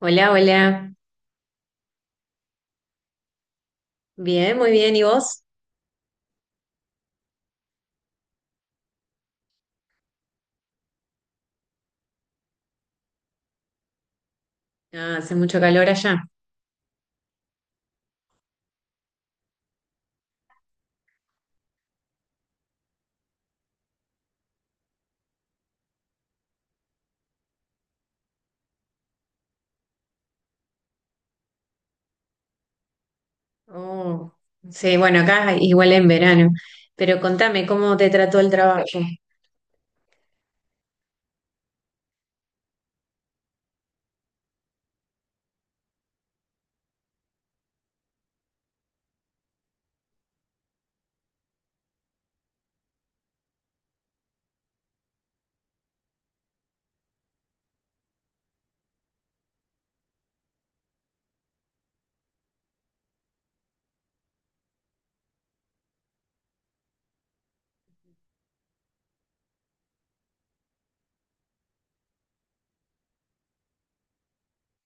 Hola, hola. Bien, muy bien. ¿Y vos? Ah, hace mucho calor allá. Oh, sí, bueno, acá igual en verano. Pero contame, ¿cómo te trató el trabajo?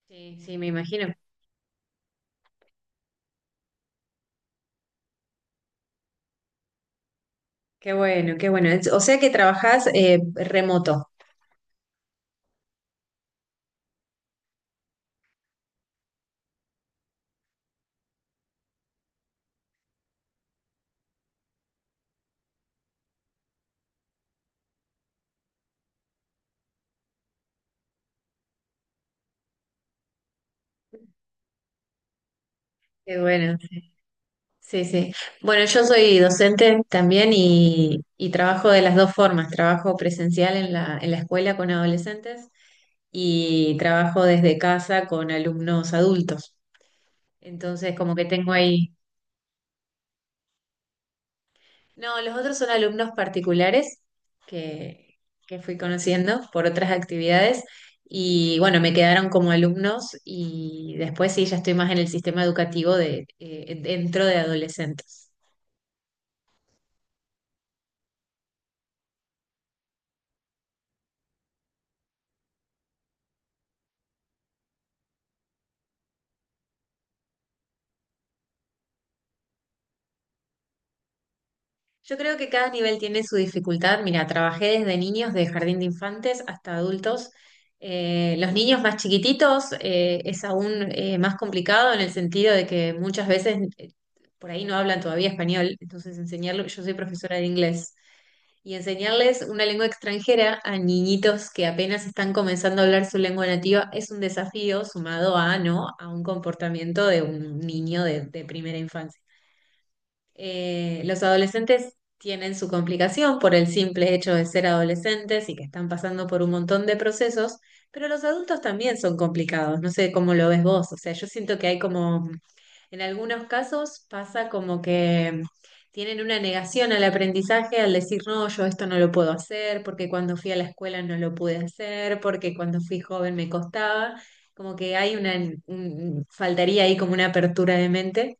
Sí, sí, me imagino. Qué bueno, qué bueno. O sea que trabajás remoto. Qué bueno. Sí, sí. Bueno, yo soy docente también y trabajo de las dos formas. Trabajo presencial en en la escuela con adolescentes y trabajo desde casa con alumnos adultos. Entonces, como que tengo ahí... No, los otros son alumnos particulares que, que fui conociendo por otras actividades y bueno, me quedaron como alumnos y después sí, ya estoy más en el sistema educativo de, dentro de adolescentes. Yo creo que cada nivel tiene su dificultad. Mira, trabajé desde niños de jardín de infantes hasta adultos. Los niños más chiquititos es aún más complicado en el sentido de que muchas veces por ahí no hablan todavía español, entonces enseñarlo, yo soy profesora de inglés, y enseñarles una lengua extranjera a niñitos que apenas están comenzando a hablar su lengua nativa es un desafío sumado a, ¿no?, a un comportamiento de un niño de primera infancia. Los adolescentes tienen su complicación por el simple hecho de ser adolescentes y que están pasando por un montón de procesos, pero los adultos también son complicados. No sé cómo lo ves vos. O sea, yo siento que hay como, en algunos casos pasa como que tienen una negación al aprendizaje al decir, no, yo esto no lo puedo hacer, porque cuando fui a la escuela no lo pude hacer, porque cuando fui joven me costaba. Como que hay una, faltaría ahí como una apertura de mente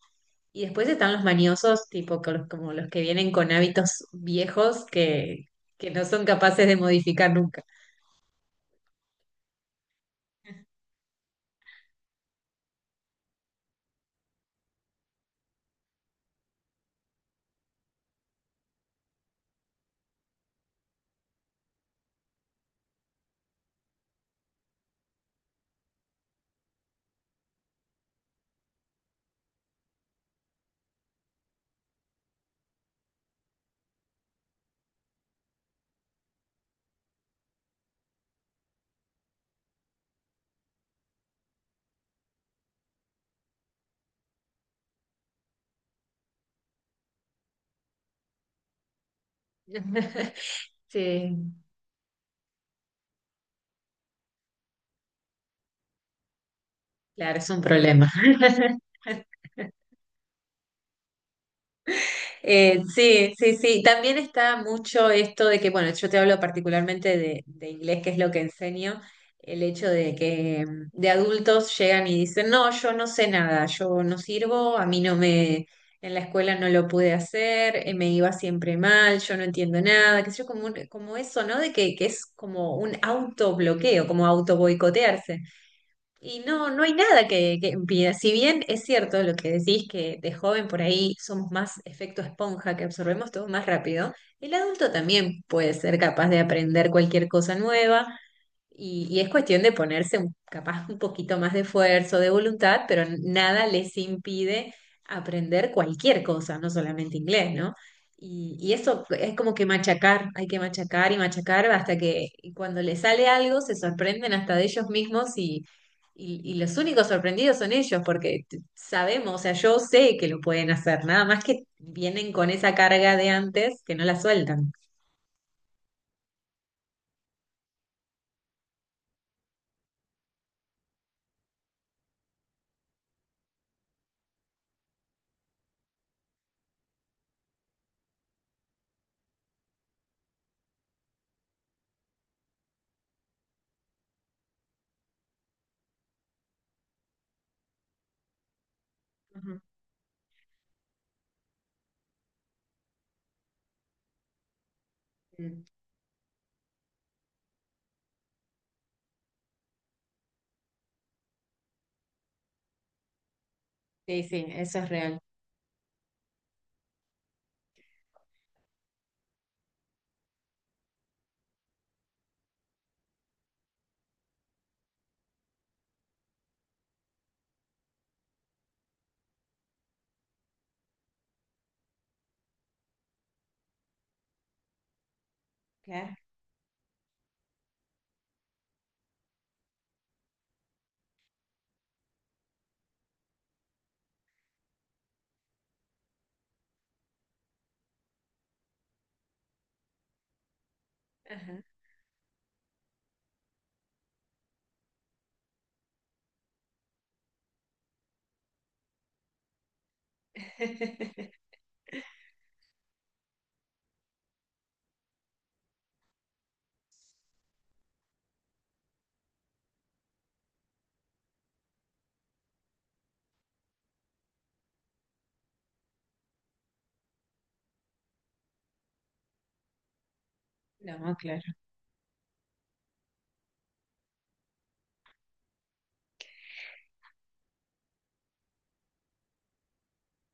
y después están los mañosos, tipo como los que vienen con hábitos viejos que no son capaces de modificar nunca. Sí, claro, es un problema. Sí, sí, sí. También está mucho esto de que, bueno, yo te hablo particularmente de inglés, que es lo que enseño, el hecho de que de adultos llegan y dicen, no, yo no sé nada, yo no sirvo, a mí no me, en la escuela no lo pude hacer, me iba siempre mal, yo no entiendo nada, qué sé yo, como, como eso, ¿no? De que es como un autobloqueo, como auto y no, no hay nada que impida. Si bien es cierto lo que decís, que de joven por ahí somos más efecto esponja, que absorbemos todo más rápido, el adulto también puede ser capaz de aprender cualquier cosa nueva y es cuestión de ponerse capaz un poquito más de esfuerzo, de voluntad, pero nada les impide aprender cualquier cosa, no solamente inglés, ¿no? Y eso es como que machacar, hay que machacar y machacar hasta que y cuando les sale algo se sorprenden hasta de ellos mismos y los únicos sorprendidos son ellos, porque sabemos, o sea, yo sé que lo pueden hacer, nada más que vienen con esa carga de antes que no la sueltan. Ujú. Mm. Sí, sí, eso es real. Claro. Ajá. No, claro.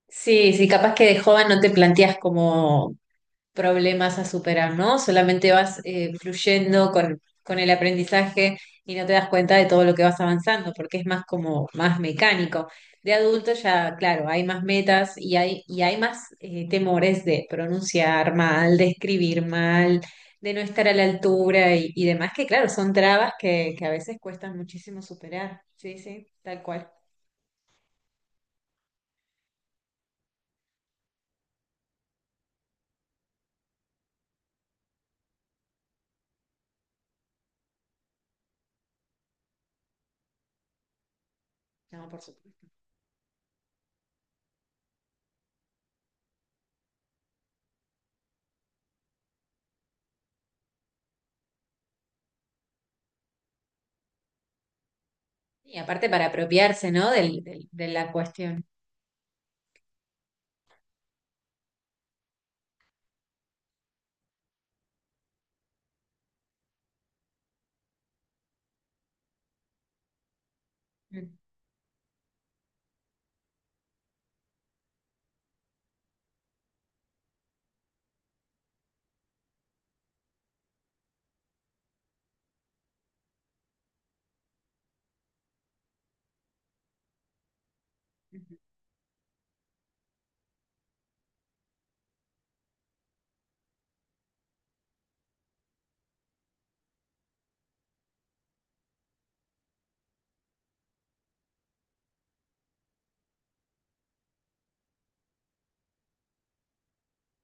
Sí, sí, capaz que de joven no te planteas como problemas a superar, ¿no? Solamente vas fluyendo con el aprendizaje y no te das cuenta de todo lo que vas avanzando, porque es más como más mecánico. De adulto ya, claro, hay más metas y hay más temores de pronunciar mal, de escribir mal, de no estar a la altura y demás, que claro, son trabas que a veces cuestan muchísimo superar. Sí, sí, tal cual. No, por supuesto. Y aparte para apropiarse, ¿no? De la cuestión.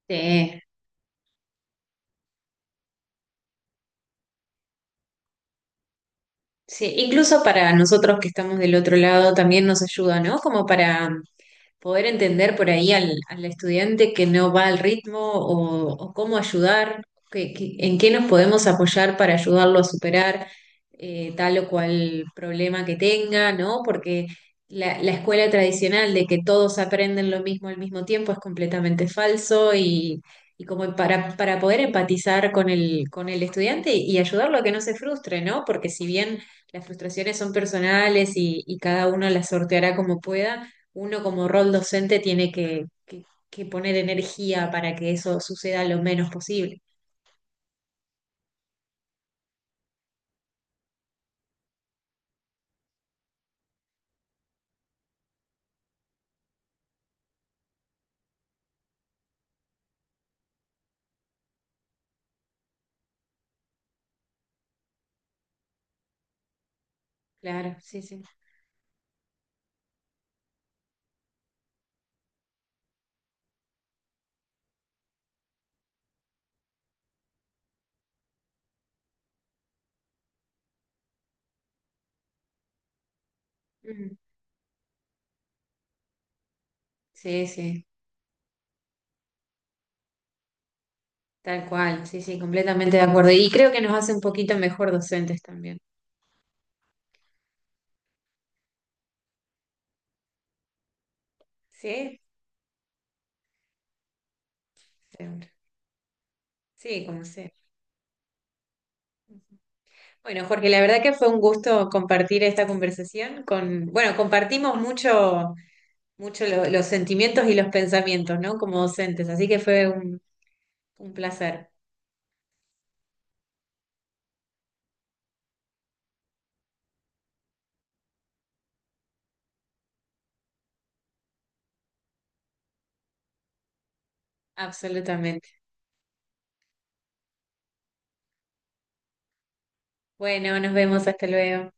Sí, sí, incluso para nosotros que estamos del otro lado también nos ayuda, ¿no? Como para poder entender por ahí al estudiante que no va al ritmo o cómo ayudar, en qué nos podemos apoyar para ayudarlo a superar tal o cual problema que tenga, ¿no? Porque la escuela tradicional de que todos aprenden lo mismo al mismo tiempo es completamente falso y como para poder empatizar con el estudiante y ayudarlo a que no se frustre, ¿no? Porque si bien las frustraciones son personales y cada uno las sorteará como pueda, uno como rol docente tiene que, que poner energía para que eso suceda lo menos posible. Claro, sí, sí. Mm, sí, sí, tal cual, sí, sí, completamente de acuerdo. Y creo que nos hace un poquito mejor docentes también. Sí, seguro. Sí, como sea. Bueno, Jorge, la verdad que fue un gusto compartir esta conversación con, bueno, compartimos mucho, los sentimientos y los pensamientos, ¿no? Como docentes, así que fue un placer, absolutamente. Bueno, nos vemos, hasta luego.